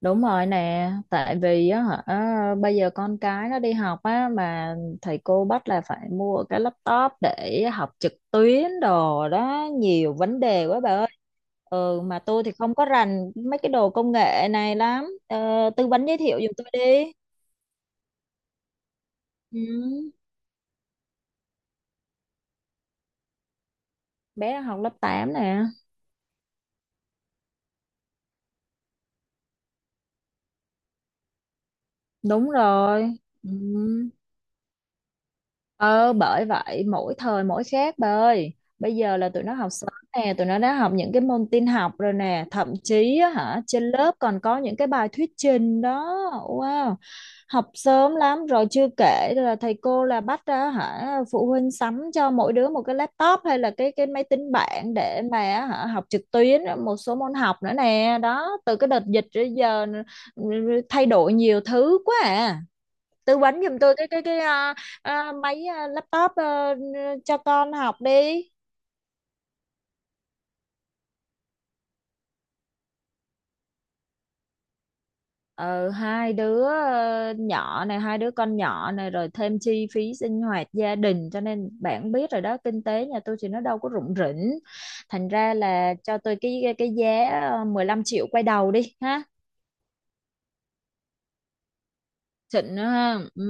Đúng rồi nè, tại vì á hả bây giờ con cái nó đi học á mà thầy cô bắt là phải mua cái laptop để học trực tuyến đồ đó, nhiều vấn đề quá bà ơi. Ừ mà tôi thì không có rành mấy cái đồ công nghệ này lắm. Ờ, Tư vấn giới thiệu giùm tôi đi. Ừ, bé học lớp tám nè. Đúng rồi. Ừ. Ờ bởi vậy mỗi thời mỗi khác bà ơi. Bây giờ là tụi nó học sớm nè. Tụi nó đã học những cái môn tin học rồi nè. Thậm chí á hả trên lớp còn có những cái bài thuyết trình đó. Wow. Học sớm lắm rồi chưa kể là thầy cô là bắt ra hả, phụ huynh sắm cho mỗi đứa một cái laptop hay là cái máy tính bảng để mà á hả học trực tuyến một số môn học nữa nè. Đó từ cái đợt dịch tới giờ thay đổi nhiều thứ quá à. Tư vấn giùm tôi máy laptop cho con học đi. Ờ Hai đứa nhỏ này, hai đứa con nhỏ này, rồi thêm chi phí sinh hoạt gia đình, cho nên bạn biết rồi đó, kinh tế nhà tôi thì nó đâu có rủng rỉnh, thành ra là cho tôi cái giá 15 triệu quay đầu đi ha. Xịn nữa ha. Ừ.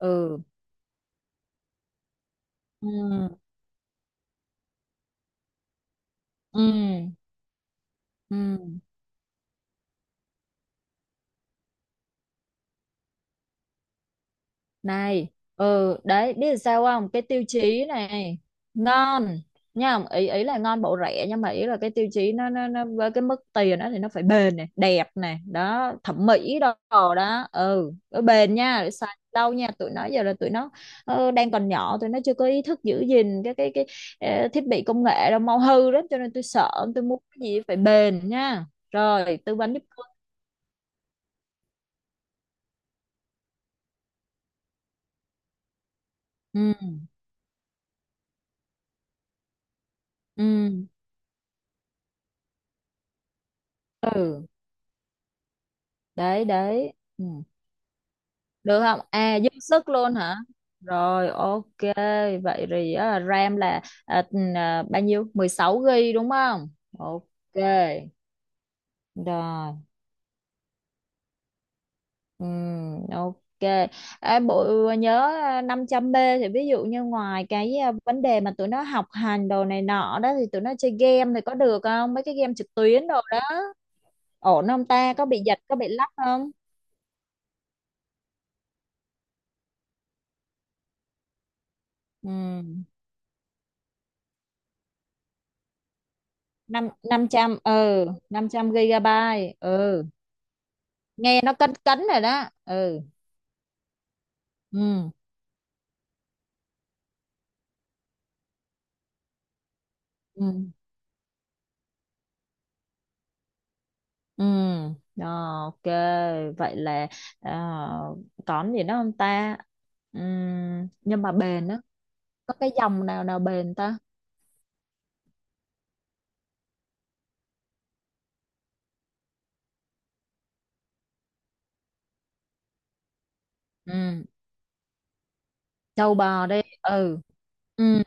Ừ. Ừ. Ừ. Ừ, này. Ừ, đấy biết sao không, cái tiêu chí này ngon nha. Ý ý là ngon bộ rẻ, nhưng mà ý là cái tiêu chí nó với cái mức tiền đó thì nó phải bền này, đẹp này, đó, thẩm mỹ đồ đó. Ừ, nó bền nha, để xài lâu nha, tụi nó giờ là tụi nó đang còn nhỏ, tụi nó chưa có ý thức giữ gìn thiết bị công nghệ đâu, mau hư lắm, cho nên tôi sợ, tôi muốn cái gì phải bền nha. Rồi tư vấn giúp tôi. Ừ. Ừ. Ừ. Đấy đấy, ừ. Được không? À dư sức luôn hả. Rồi ok. Vậy thì RAM là bao nhiêu? 16 GB đúng không? Ok rồi. Ừ, ok. Bộ nhớ 500B thì ví dụ như ngoài vấn đề mà tụi nó học hành đồ này nọ đó, thì tụi nó chơi game thì có được không, mấy cái game trực tuyến đồ đó, ổn không ta, có bị giật có bị lắc không. Ừ. năm Năm trăm, ừ, năm trăm gigabyte, ừ, nghe nó cấn cấn rồi đó. Ừ. Ừ. Ừ. Ừ. Ờ, ok, vậy là uh, còn gì nữa không ta. Nhưng mà bền á, có cái dòng nào nào bền ta. Ừ, trâu bò đi. Ừ. Ừ.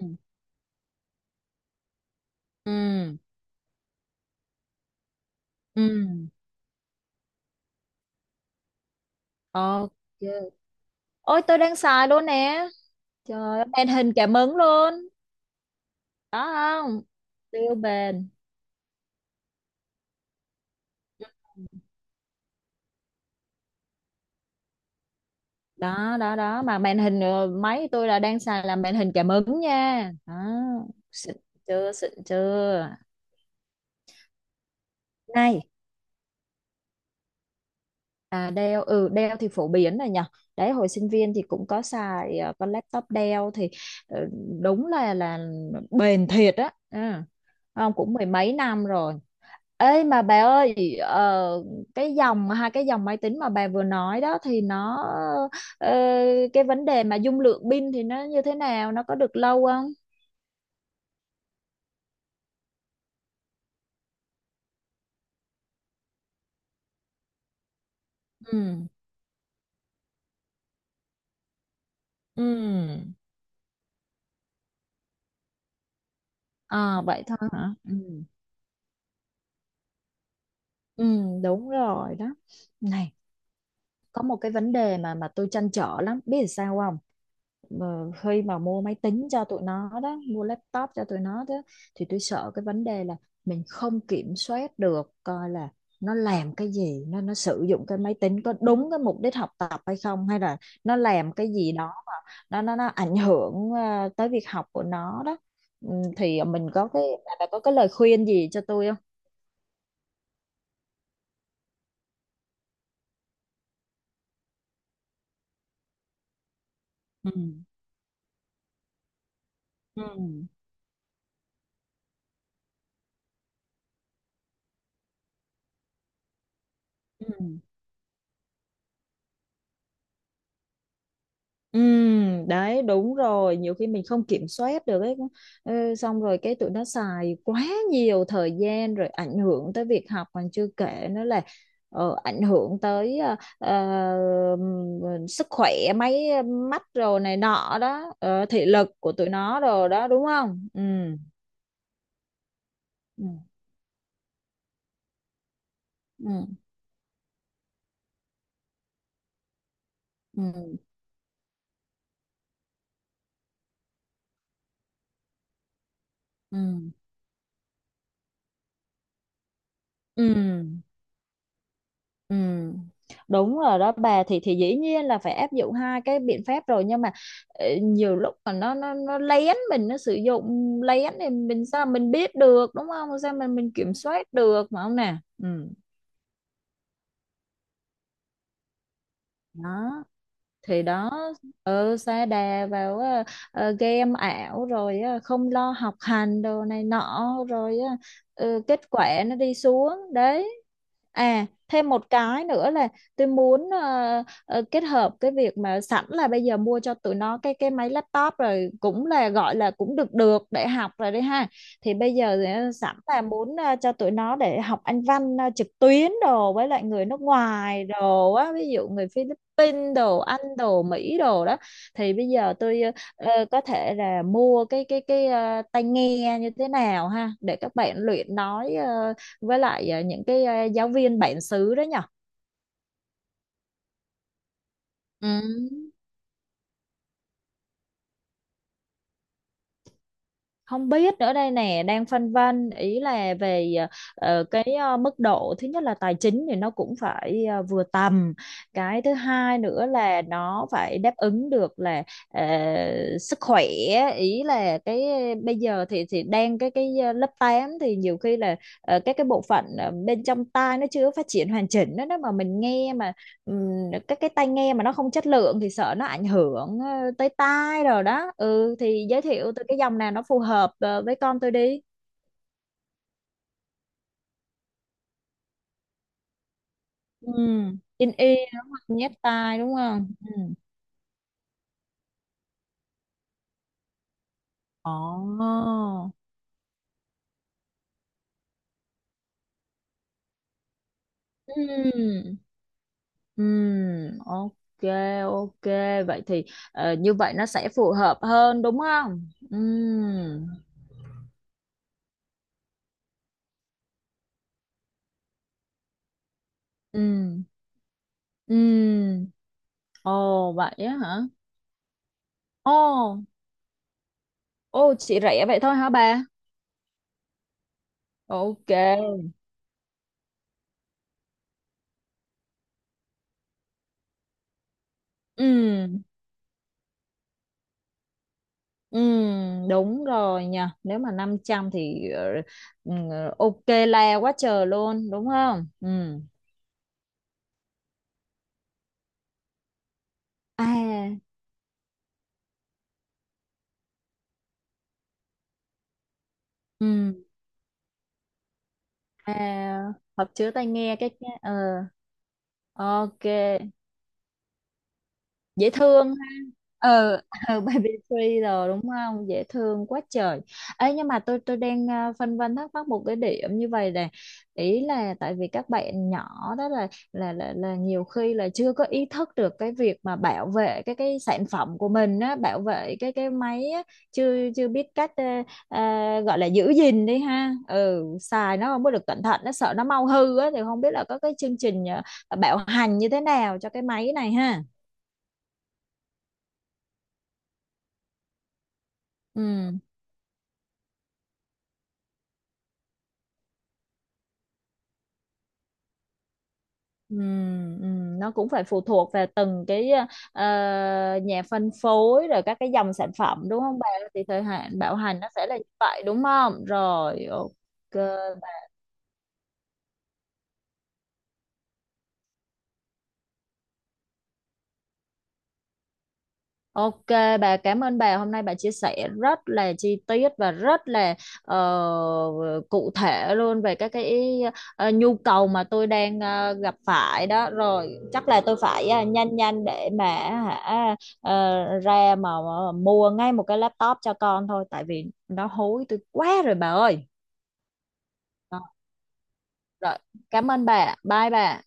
Ừ. Ừ. Ok. Ôi tôi đang xài luôn nè, trời ơi, màn hình cảm ứng luôn đó không, siêu bền. Ừ. Đó đó đó, mà màn hình máy tôi là đang xài là màn hình cảm ứng nha đó, xịn chưa, xịn chưa, này. À Dell, ừ, Dell thì phổ biến rồi nhỉ. Đấy hồi sinh viên thì cũng có xài con laptop Dell thì ờ, đúng là bền thiệt á. Ừ. Không cũng mười mấy năm rồi. Ê mà bà ơi, cái dòng hai cái dòng máy tính mà bà vừa nói đó, thì nó ờ, cái vấn đề mà dung lượng pin thì nó như thế nào, nó có được lâu không. Ừ. Ừ. À, vậy thôi hả. Ừ, ừ, đúng rồi đó, này. Có một cái vấn đề mà tôi trăn trở lắm, biết là sao không. Khi mà mua máy tính cho tụi nó đó, mua laptop cho tụi nó đó, thì tôi sợ cái vấn đề là mình không kiểm soát được, coi là nó làm cái gì, nó sử dụng cái máy tính có đúng cái mục đích học tập hay không, hay là nó làm cái gì đó mà nó ảnh hưởng tới việc học của nó đó. Ừ, thì mình có cái bà có cái lời khuyên gì cho tôi không. Ừ. Ừ. Ừ. Ừ, đấy đúng rồi, nhiều khi mình không kiểm soát được ấy. Ừ, xong rồi cái tụi nó xài quá nhiều thời gian rồi ảnh hưởng tới việc học, còn chưa kể nữa là ảnh hưởng tới sức khỏe, mấy mắt rồi này nọ đó, thị lực của tụi nó rồi đó, đúng không. Ừ. Ừ. Ừ. Ừ. Ừ. Ừ. Ừ, đúng rồi đó bà, thì dĩ nhiên là phải áp dụng hai cái biện pháp rồi, nhưng mà nhiều lúc mà nó lén mình, nó sử dụng lén thì mình sao mình biết được, đúng không, sao mình kiểm soát được mà không nè. Ừ. Đó thì đó, ừ, sa đà vào game ảo rồi, không lo học hành đồ này nọ rồi. Ờ, ừ, kết quả nó đi xuống đấy. À thêm một cái nữa là tôi muốn kết hợp cái việc mà sẵn là bây giờ mua cho tụi nó cái máy laptop rồi, cũng là gọi là cũng được được để học rồi đấy ha. Thì bây giờ thì, sẵn là muốn cho tụi nó để học Anh văn trực tuyến đồ, với lại người nước ngoài đồ á, ví dụ người Philippines, Vinh đồ, Anh đồ, Mỹ đồ đó. Thì bây giờ tôi có thể là mua tai nghe như thế nào ha, để các bạn luyện nói với lại những cái giáo viên bản xứ đó nhở. Ừ. Không biết nữa đây nè, đang phân vân, ý là về cái mức độ thứ nhất là tài chính thì nó cũng phải vừa tầm, cái thứ hai nữa là nó phải đáp ứng được là ờ, sức khỏe, ý là cái bây giờ thì đang lớp 8 thì nhiều khi là các cái bộ phận bên trong tai nó chưa phát triển hoàn chỉnh đó, đó mà mình nghe mà ừm, các cái tai nghe mà nó không chất lượng thì sợ nó ảnh hưởng tới tai rồi đó. Ừ thì giới thiệu tôi cái dòng nào nó phù hợp với con tôi đi. Ừ, in ear đúng không? Nhét tai đúng không? Ừ. Ồ. Ừm, ok. Ok, vậy thì như vậy nó sẽ phù hợp hơn đúng không. Ừm, ừm. Ồ vậy á hả. Ồ. Ồ chị rẻ vậy thôi hả bà. Ok. Ừm. Ừ, đúng rồi nha. Nếu mà 500 thì ừ, ok la quá trời luôn, đúng không? Ừ. À. Ừ. À hộp chứa tai nghe cái. Ok. Dễ thương ha. Ừ, ừ, baby thriller đúng không, dễ thương quá trời. Ấy nhưng mà tôi đang phân vân thắc mắc một cái điểm như vậy này. Ý là tại vì các bạn nhỏ đó là là nhiều khi là chưa có ý thức được cái việc mà bảo vệ cái sản phẩm của mình á, bảo vệ cái máy á, chưa chưa biết cách gọi là giữ gìn đi ha. Ừ xài nó không có được cẩn thận nó, sợ nó mau hư á, thì không biết là có cái chương trình bảo hành như thế nào cho cái máy này ha. Ừ. Ừ, nó cũng phải phụ thuộc vào từng cái ờ, nhà phân phối rồi các cái dòng sản phẩm đúng không bà, thì thời hạn bảo hành nó sẽ là như vậy đúng không. Rồi ok. Ok, bà cảm ơn bà, hôm nay bà chia sẻ rất là chi tiết và rất là ờ, cụ thể luôn về các cái nhu cầu mà tôi đang gặp phải đó. Rồi chắc là tôi phải nhanh nhanh để mà hả ra mà mua ngay một cái laptop cho con thôi, tại vì nó hối tôi quá rồi bà ơi. Ờ, rồi cảm ơn bà, bye bà.